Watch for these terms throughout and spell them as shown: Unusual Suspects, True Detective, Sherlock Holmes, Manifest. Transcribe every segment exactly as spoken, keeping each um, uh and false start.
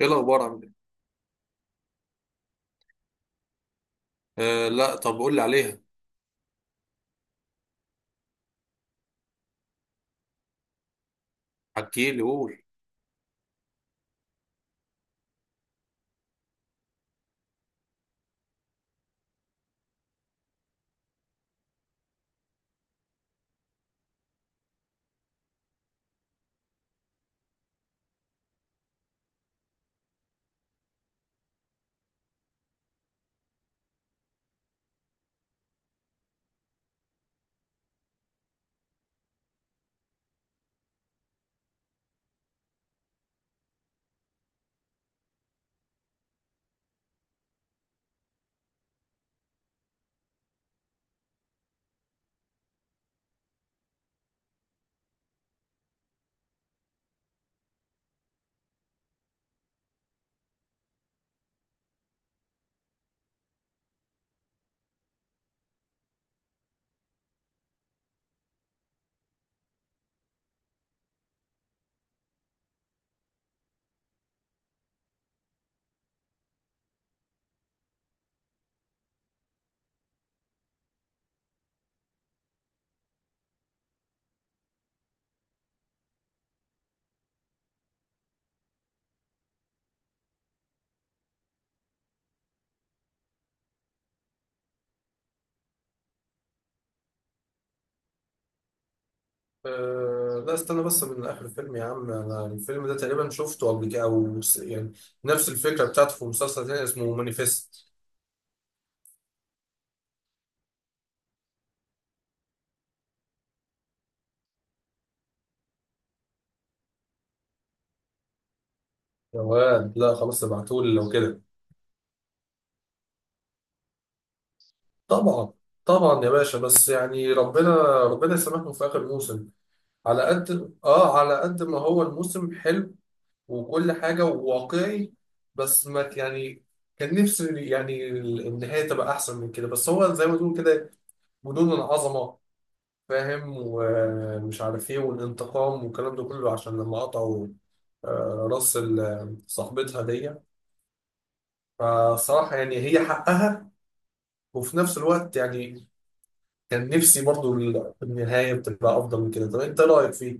ايه الاخبار؟ عامل ايه؟ آه، لا، طب قول لي عليها. حكي لي، قول. أه، لا، استنى بس من آخر الفيلم يا عم. أنا الفيلم ده تقريبا شفته قبل كده أو س- يعني نفس الفكرة بتاعته في مسلسل تاني اسمه مانيفست. يا واد، لا، خلاص، ابعتهولي لو كده. طبعا، طبعا يا باشا، بس يعني ربنا ربنا يسامحهم في آخر موسم. على قد آه على قد ما هو الموسم حلو، وكل حاجة، وواقعي. بس ما ك- يعني كان نفسي يعني ال- النهاية تبقى أحسن من كده، بس هو زي ما تقول كده، جنون العظمة. فاهم؟ ومش عارف ايه والانتقام والكلام ده كله، عشان لما قطعوا آه، راس ال- صاحبتها دي. فصراحة يعني هي حقها، وفي نفس الوقت يعني كان نفسي برضو ال- النهاية بتبقى أفضل من كده. طب أنت رأيك فيه؟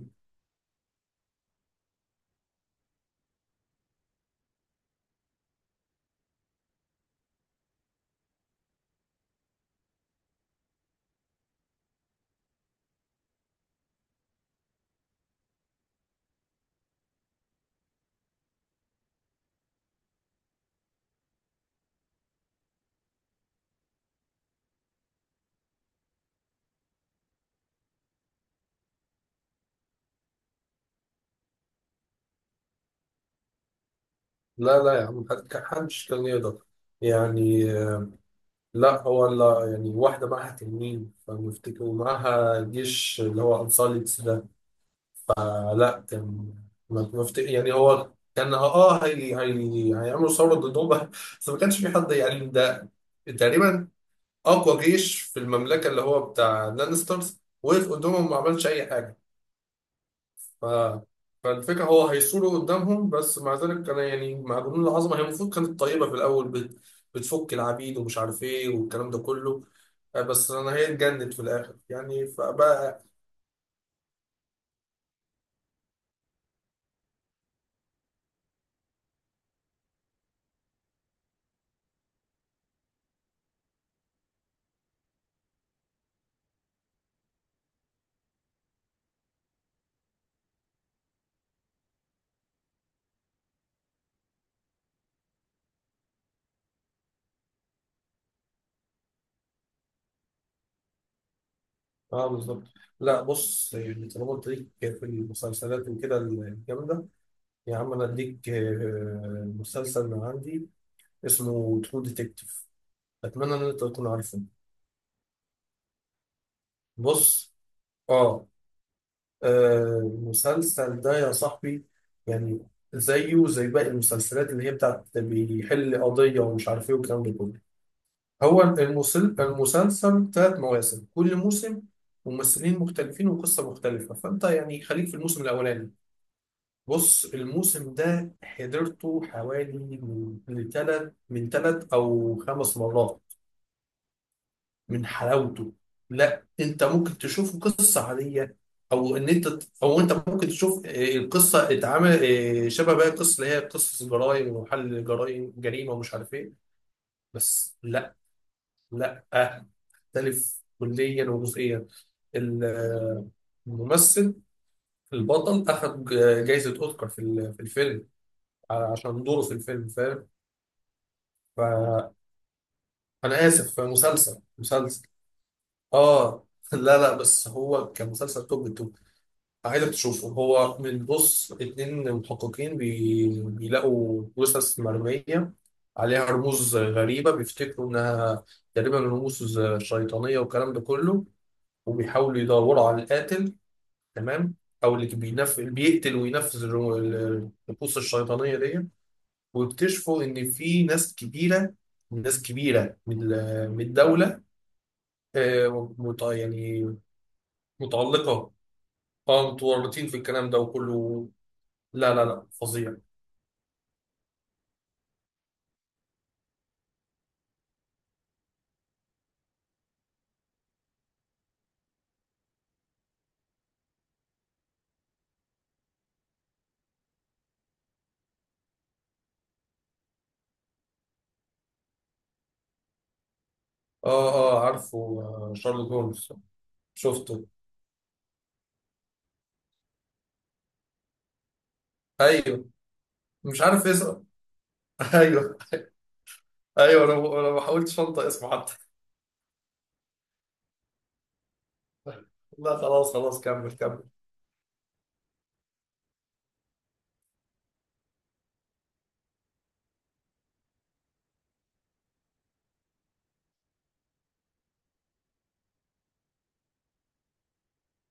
لا، لا يا عم، حد- كان- محدش كان يقدر يعني، آه، لا، هو لا يعني، واحدة معاها تنين فمفتكر، ومعاها جيش اللي هو أنصار الإسلام. لا، كان ما- ما فت- يعني هو كان اه آه، هي هي هيعملوا ثوره ضدهم بس ما كانش في حد، يعني ده تقريبا اقوى جيش في المملكه اللي هو بتاع لانسترز، وقف قدامهم ما عملش اي حاجه. ف فالفكره هو هيثوروا قدامهم، بس مع ذلك كان يعني مع جنود العظمه، هي المفروض كانت طيبه في الاول، بت... بتفك العبيد ومش عارف ايه والكلام ده كله. آه، بس انا، هي اتجنت في الاخر، يعني فبقى. اه، بالظبط. لا، بص، يعني طالما قلت ليك في المسلسلات وكده الجامده، يا عم انا اديك آه، مسلسل من عندي اسمه ترو ديتكتيف، اتمنى ان انت تكون عارفه. بص. اه آه، المسلسل ده يا صاحبي، يعني زيه زي باقي المسلسلات اللي هي بتاعت بيحل قضيه ومش عارف ايه والكلام ده كله. هو المسل... المسلسل ثلاث مواسم، كل موسم ممثلين مختلفين وقصه مختلفه، فانت يعني خليك في الموسم الاولاني. بص، الموسم ده حضرته حوالي من من تلت من تلت او خمس مرات من حلاوته. لا، انت ممكن تشوفه قصه عاديه، او ان انت، او انت ممكن تشوف آه، القصه اتعمل آه، شبه باقي القصص اللي هي قصص جرائم وحل جرائم، جريمه ومش عارف ايه. بس لا، لا، آه، مختلف كليا وجزئيا. ال- آه، الممثل البطل اخذ جائزه اوسكار في ال- في الفيلم عشان دوره في الفيلم، فاهم؟ ف... انا اسف، مسلسل مسلسل. اه. لا، لا، بس هو كان مسلسل توب التوب. عايزك تشوفه. هو من، بص، اتنين محققين بي... بيلاقوا جثث مرمية عليها رموز غريبة، بيفتكروا انها تقريبا رموز شيطانية والكلام ده كله، وبيحاولوا يدوروا على القاتل. تمام. او اللي بينف... بيقتل وينفذ الرمو- ال- الرموز الشيطانية دي، ويكتشفوا ان في ناس كبيرة، ناس كبيرة من ال- من الدولة آه، مت- يعني متعلقة، اه متورطين في الكلام ده وكله. لا، لا، لا، فظيع. اه، اه، عارفه آه، شارلوك هولمز. شفته. ايوه، مش عارف اسمه. ايوه. ايوه، انا ب- انا ما حاولتش انطق اسمه حتى لا، خلاص خلاص، كمل كمل.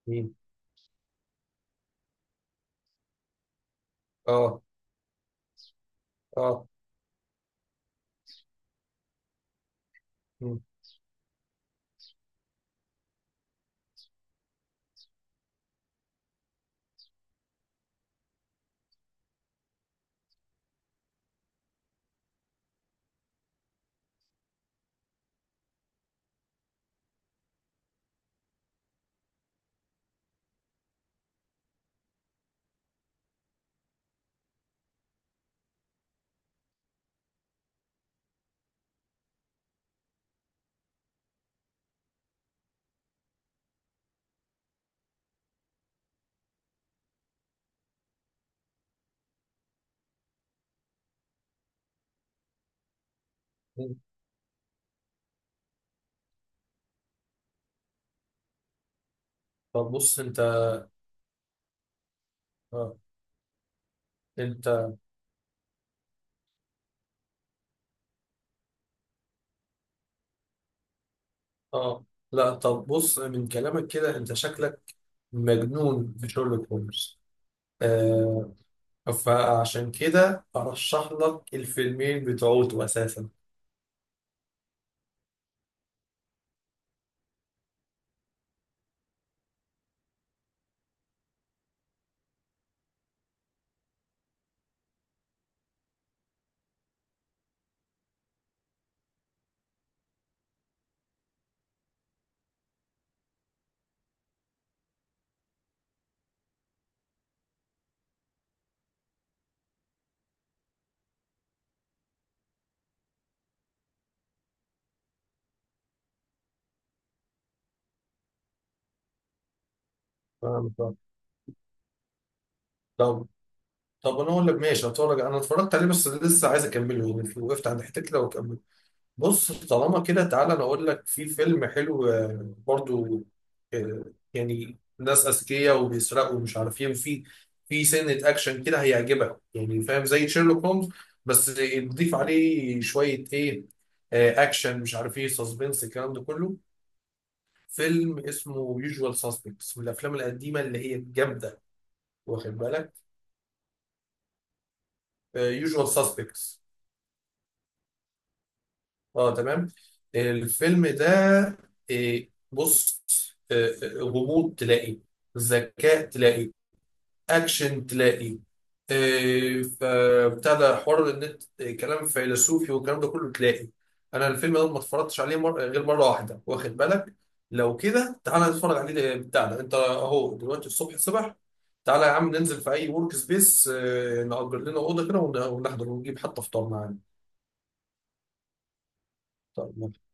مين؟ اه، اه، مم، مم. طب، بص انت. اه. انت. اه. لا، طب بص من كلامك كده انت شكلك مجنون في شارلوك هولمز. آه. فعشان كده ارشح لك الفيلمين بتوعته اساسا. فاهم؟ طب. طب، طب، انا اقول لك ماشي، هتفرج. انا اتفرجت عليه بس لسه عايز اكمله، يعني وقفت عند حته كده واكمل. بص، طالما كده تعالى انا اقول لك في فيلم حلو آه، برضو، آه، يعني ناس اذكياء وبيسرقوا ومش عارف ايه، وفي في سنه اكشن كده هيعجبك، يعني فاهم؟ زي شيرلوك هولمز، بس تضيف عليه شويه ايه، آه، اكشن مش عارف ايه، سسبنس الكلام ده كله. فيلم اسمه يوجوال ساسبكتس، من الافلام القديمه اللي هي الجامده، واخد بالك؟ يوجوال ساسبكتس. اه، تمام. الفيلم ده، آه، بص، آه، آه، غموض تلاقي، ذكاء تلاقي، اكشن تلاقي، إيه، فابتدى حوار النت، إيه، كلام فيلسوفي والكلام ده كله تلاقي. انا الفيلم ده ما اتفرجتش عليه مر... غير مره واحده، واخد بالك؟ لو كده تعالى نتفرج عليه، ده- بتاعنا انت اهو دلوقتي، الصبح الصبح. تعالى يا عم ننزل في اي ورك سبيس، إيه، نأجر لنا اوضه كده ون- ونحضر ونجيب حتى فطار معانا. طب.